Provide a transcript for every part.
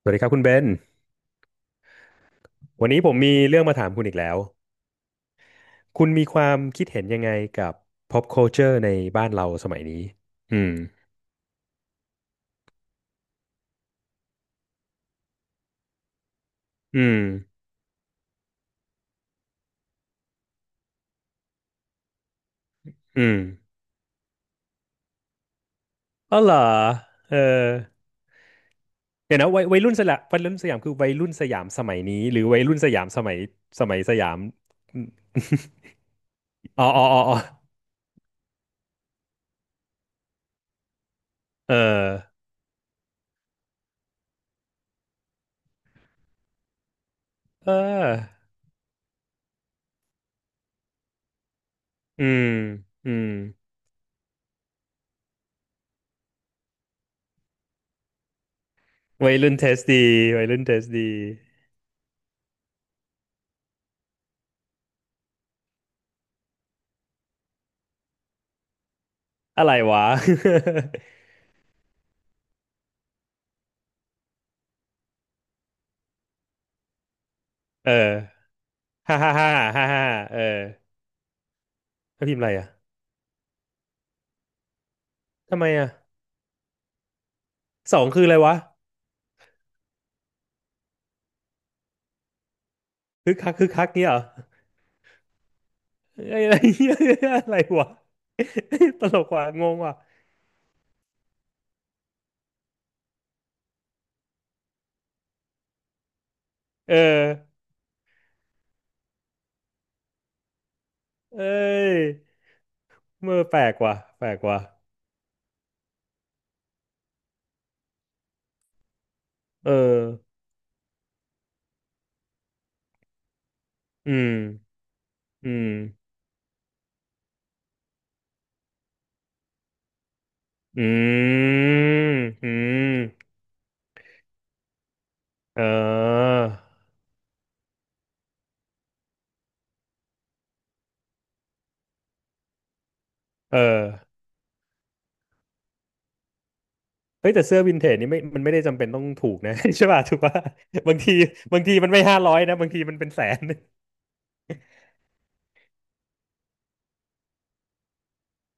สวัสดีครับคุณเบนวันนี้ผมมีเรื่องมาถามคุณอีกแล้ว คุณมีความคิดเห็นยังไงกับ pop culture ในบ้านเราสมัยนี้อืมอืมอืมอ๋อเหรอเออเดี๋ยวนะวัยรุ่นสยามวัยรุ่นสยามคือวัยรุ่นสยามสมัยนี้หรือวัยรุ่นสยามสมัยสยาม อ๋ออ๋ออ๋ออ๋อเออ เอออืมอืมวัยรุ่นเทสดีวัยรุ่นเทสดีอะไรวะ เออฮ่าฮ่าฮ่าฮ่าฮ่าเออ ถ้าพิมพ์อะไรอ่ะทำไมอ่ะสองคืออะไรวะคึกคักคึกคักเนี่ยเหรอไอ้ยอะไรเหี้ยอะไรวะ ตลกว่ะงงว่ะเออเอ้ยเมื่อแปลกว่ะแปลกว่ะเอออืมอืมอืมอืมเออเออเฮ้ยแต่เสื้อวินเทจนี่ไม่มันไม่ได้จำเป็นต้องถูกนะ ใช่ป่ะถูกป่ะบางทีบางทีมันไม่ห้าร้อยนะบางทีมันเป็นแสน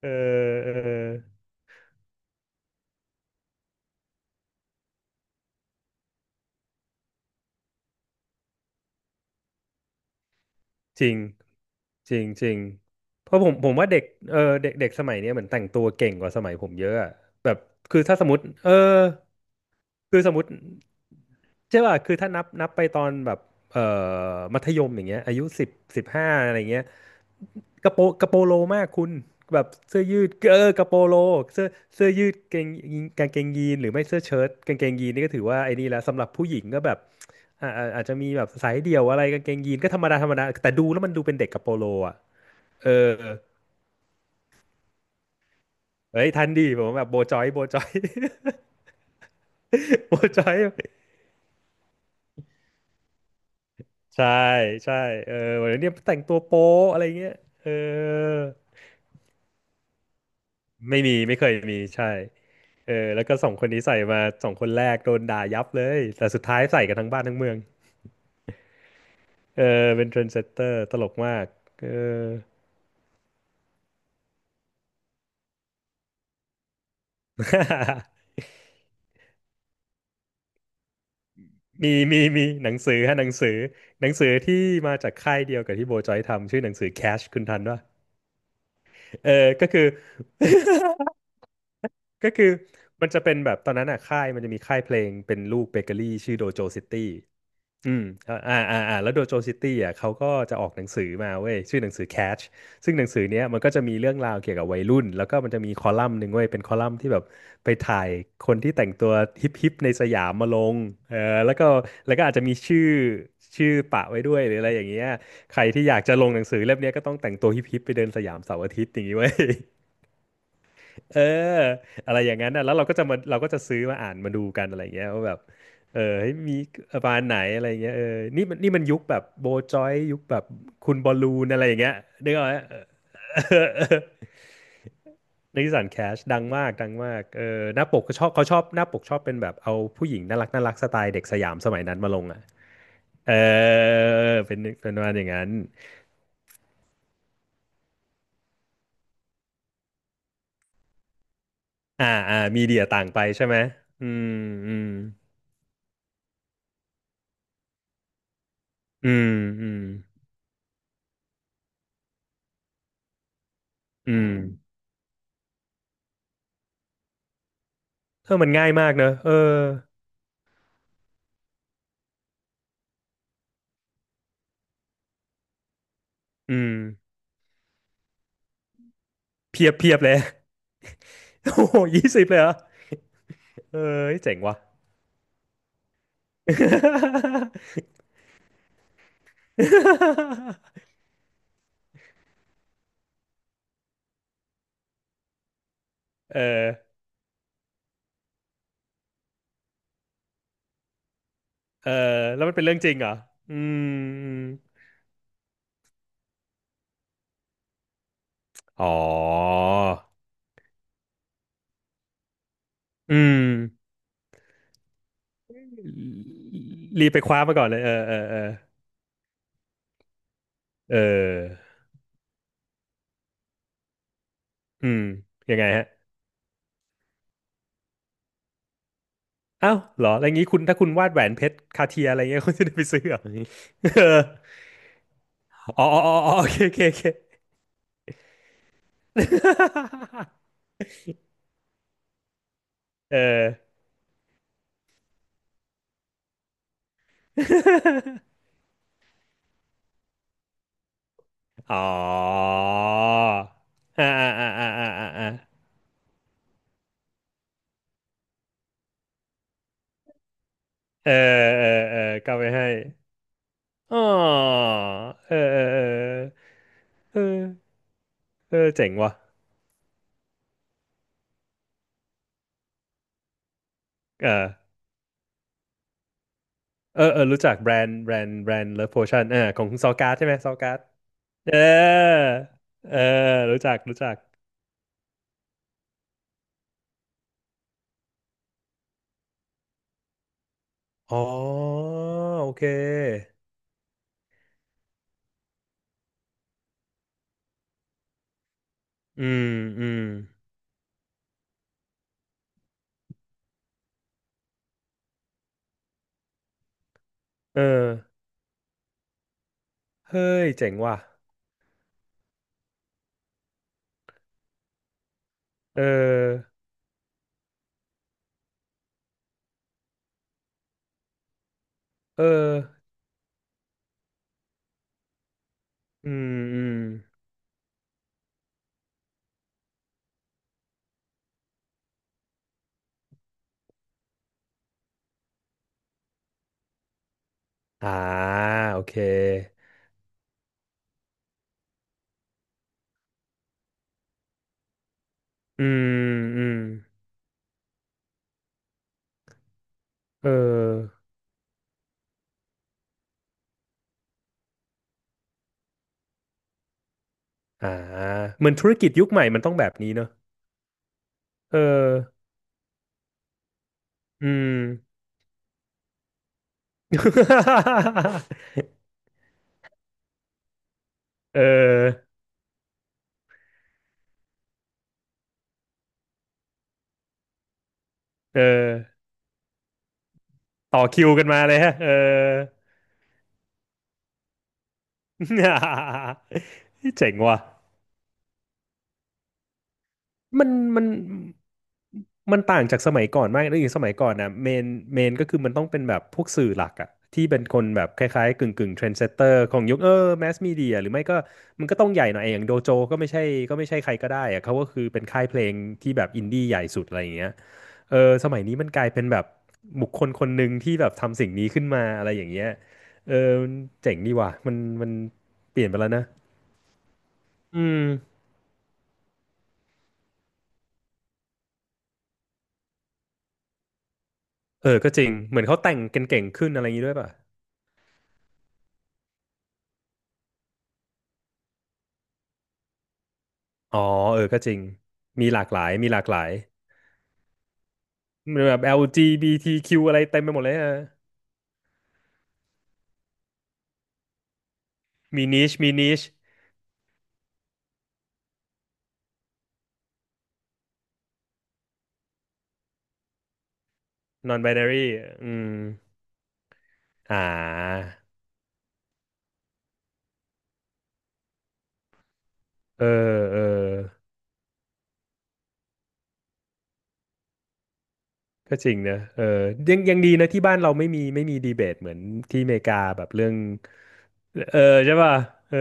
เออเออ จริงจริงจริงเพราะผมว่าเด็กเออเด็กเด็กสมัยเนี้ยเหมือนแต่งตัวเก่งกว่าสมัยผมเยอะอะแบบคือถ้าสมมติเออคือสมมติ ใช่ป่ะคือถ้านับไปตอนแบบเอ่อมัธยมอย่างเงี้ยอายุสิบห้าอะไรเงี้ยกระโปโลมากคุณแบบเสื้อยืดเออกระโปโลเสื้อเสื้อยืดเกงกางเกงยีนหรือไม่เสื้อเชิ้ตกางเกงยีนนี่ก็ถือว่าไอ้นี่แล้วสำหรับผู้หญิงก็แบบอ่าอาจจะมีแบบสายเดี่ยวอะไรกางเกงยีนก็ธรรมดาธรรมดาแต่ดูแล้วมันดูเป็นเด็กกระโปโลอ่ะเออเฮ้ยทันดีผมแบบโบจอยโบจอย โบจอย ใช่ใช่เออวันนี้แต่งตัวโป๊อะไรเงี้ยเออ ไม่มีไม่เคยมีใช่เออแล้วก็สองคนนี้ใส่มาสองคนแรกโดนด่ายับเลยแต่สุดท้ายใส่กันทั้งบ้านทั้งเมืองเออเป็นเทรนด์เซตเตอร์ตลกมากเออ มีมีมีหนังสือฮะหนังสือหนังสือที่มาจากค่ายเดียวกับที่โบจอยทำชื่อหนังสือ Cash คุณทันป่ะเออก็คือ ก็คือมันจะเป็นแบบตอนนั้นอ่ะค่ายมันจะมีค่ายเพลงเป็นลูกเบเกอรี่ชื่อโดโจซิตี้ อืมอ่าอ่าอ่าอ่าแล้วโดโจซิตี้อ่ะเขาก็จะออกหนังสือมาเว้ยชื่อหนังสือ Catch ซึ่งหนังสือเนี้ยมันก็จะมีเรื่องราวเกี่ยวกับวัยรุ่นแล้วก็มันจะมีคอลัมน์หนึ่งเว้ยเป็นคอลัมน์ที่แบบไปถ่ายคนที่แต่งตัวฮิปฮิปในสยามมาลงเออแล้วก็แล้วก็อาจจะมีชื่อชื่อปะไว้ด้วยหรืออะไรอย่างเงี้ยใครที่อยากจะลงหนังสือเล่มเนี้ยก็ต้องแต่งตัวฮิปฮิปไปเดินสยามเสาร์อาทิตย์อย่างงี้เว้ย เอออะไรอย่างนั้นนะแล้วเราก็จะมาเราก็จะซื้อมาอ่านมาดูกันอะไรอย่างเงี้ยว่าแบบเออเฮ้ยมีประมาณไหนอะไรอย่างเงี้ยเออนี่มันนี่มันยุคแบบโบจอยยุคแบบคุณบอลลูนอะไรอย่างเงี้ยนึกออกไหมเออเออเออ นิสสันแคชดังมากดังมากเออหน้าปกก็ชอบเขาชอบหน้าปกชอบเป็นแบบเอาผู้หญิงน่ารักน่ารักสไตล์เด็กสยามสมัยนั้นมาลงอ่ะเออเป็นเป็นประมาณอย่างนั้นอ่าอ่ามีเดียต่างไปใช่ไหมอืมอืมอืมอืมอืม เธอมันง่ายมากเนอะเอออืมเพียบเพียบเลย โอ้โหยี่สิบเลยเหรอเออเจ๋งว่ะ เออเออแล้วมันเป็นเรื่องจริงเหรออืมอ๋ออืมรีบไปคว้ามาก่อนเลยเออเออเออเอออืมยังไงฮะอ้าวเหรออะไรงี้คุณถ้าคุณวาดแหวนเพชรคาเทียอะไรเงี้ย คุณจะได้ไปซื้อเหรอเอออ๋ออ๋ออ๋อโอเคโอเคโอเค เออ อ๋ออ่าอ่าอ่าอ่าอ่าอ่าอ่าเออเออเออก็ไปให้อ๋อเออ เออเออเออเออเจ๋งว่ะเออเออเออรู้จักแบรนด์เลิฟโพชั่นเออของซอการ์ดใช่ไหมซอการ์ดเออเออรู้จักรู้จักอ๋อโอเคอืมอืมเออเฮ้ยเจ๋งว่ะเออเอออืมอืม อ่าโอเคอืมอืมเอออ่าเหมือนธุรกิจยุคใหม่มันต้องแบบนี้เนอะเอออืม เออเออต่อคิวกันมาเลยฮะเออ เจ๋งว่ะ มันมันมันต่างจากสมัยก่อนมากเลยอย่างสมัยก่อนนะเมนก็คือมันต้องเป็นแบบพวกสื่อหลักอะที่เป็นคนแบบคล้ายๆกึ่งกึ่งเทรนด์เซตเตอร์ของยุคเออแมสมีเดียหรือไม่ก็มันก็ต้องใหญ่หน่อยอย่างโดโจก็ไม่ใช่ก็ไม่ใช่ใครก็ได้อะเขาก็คือเป็นค่ายเพลงที่แบบอินดี้ใหญ่สุดอะไรอย่างเงี้ยเออสมัยนี้มันกลายเป็นแบบบุคคลคนหนึ่งที่แบบทำสิ่งนี้ขึ้นมาอะไรอย่างเงี้ยเออมันเจ๋งดีว่ะมันมันเปลี่ยนไปแล้วนะอืมเออก็จริงเหมือนเขาแต่งกันเก่งขึ้นอะไรอย่างงี้ด้วยป่ะ อ๋อเออก็จริงมีหลากหลายมีหลากหลายมีแบบ LGBTQ อลจีบีทีคิวอะไรเต็มไปหมดเลยอะมี niche มี niche non binary อืมอ่าเออเออก็จริงนะเออยังยังดีนะที่บ้านเราไม่มีไม่มีดีเบตเหมือนที่อเมริกาแบบเรื่องเออใช่ป่ะเออ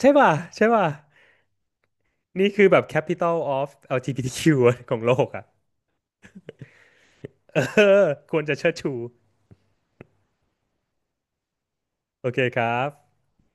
ใช่ป่ะใช่ป่ะนี่คือแบบ capital of LGBTQ ของโลกอ่ะเออควรจะเชิดชูโอเคครับ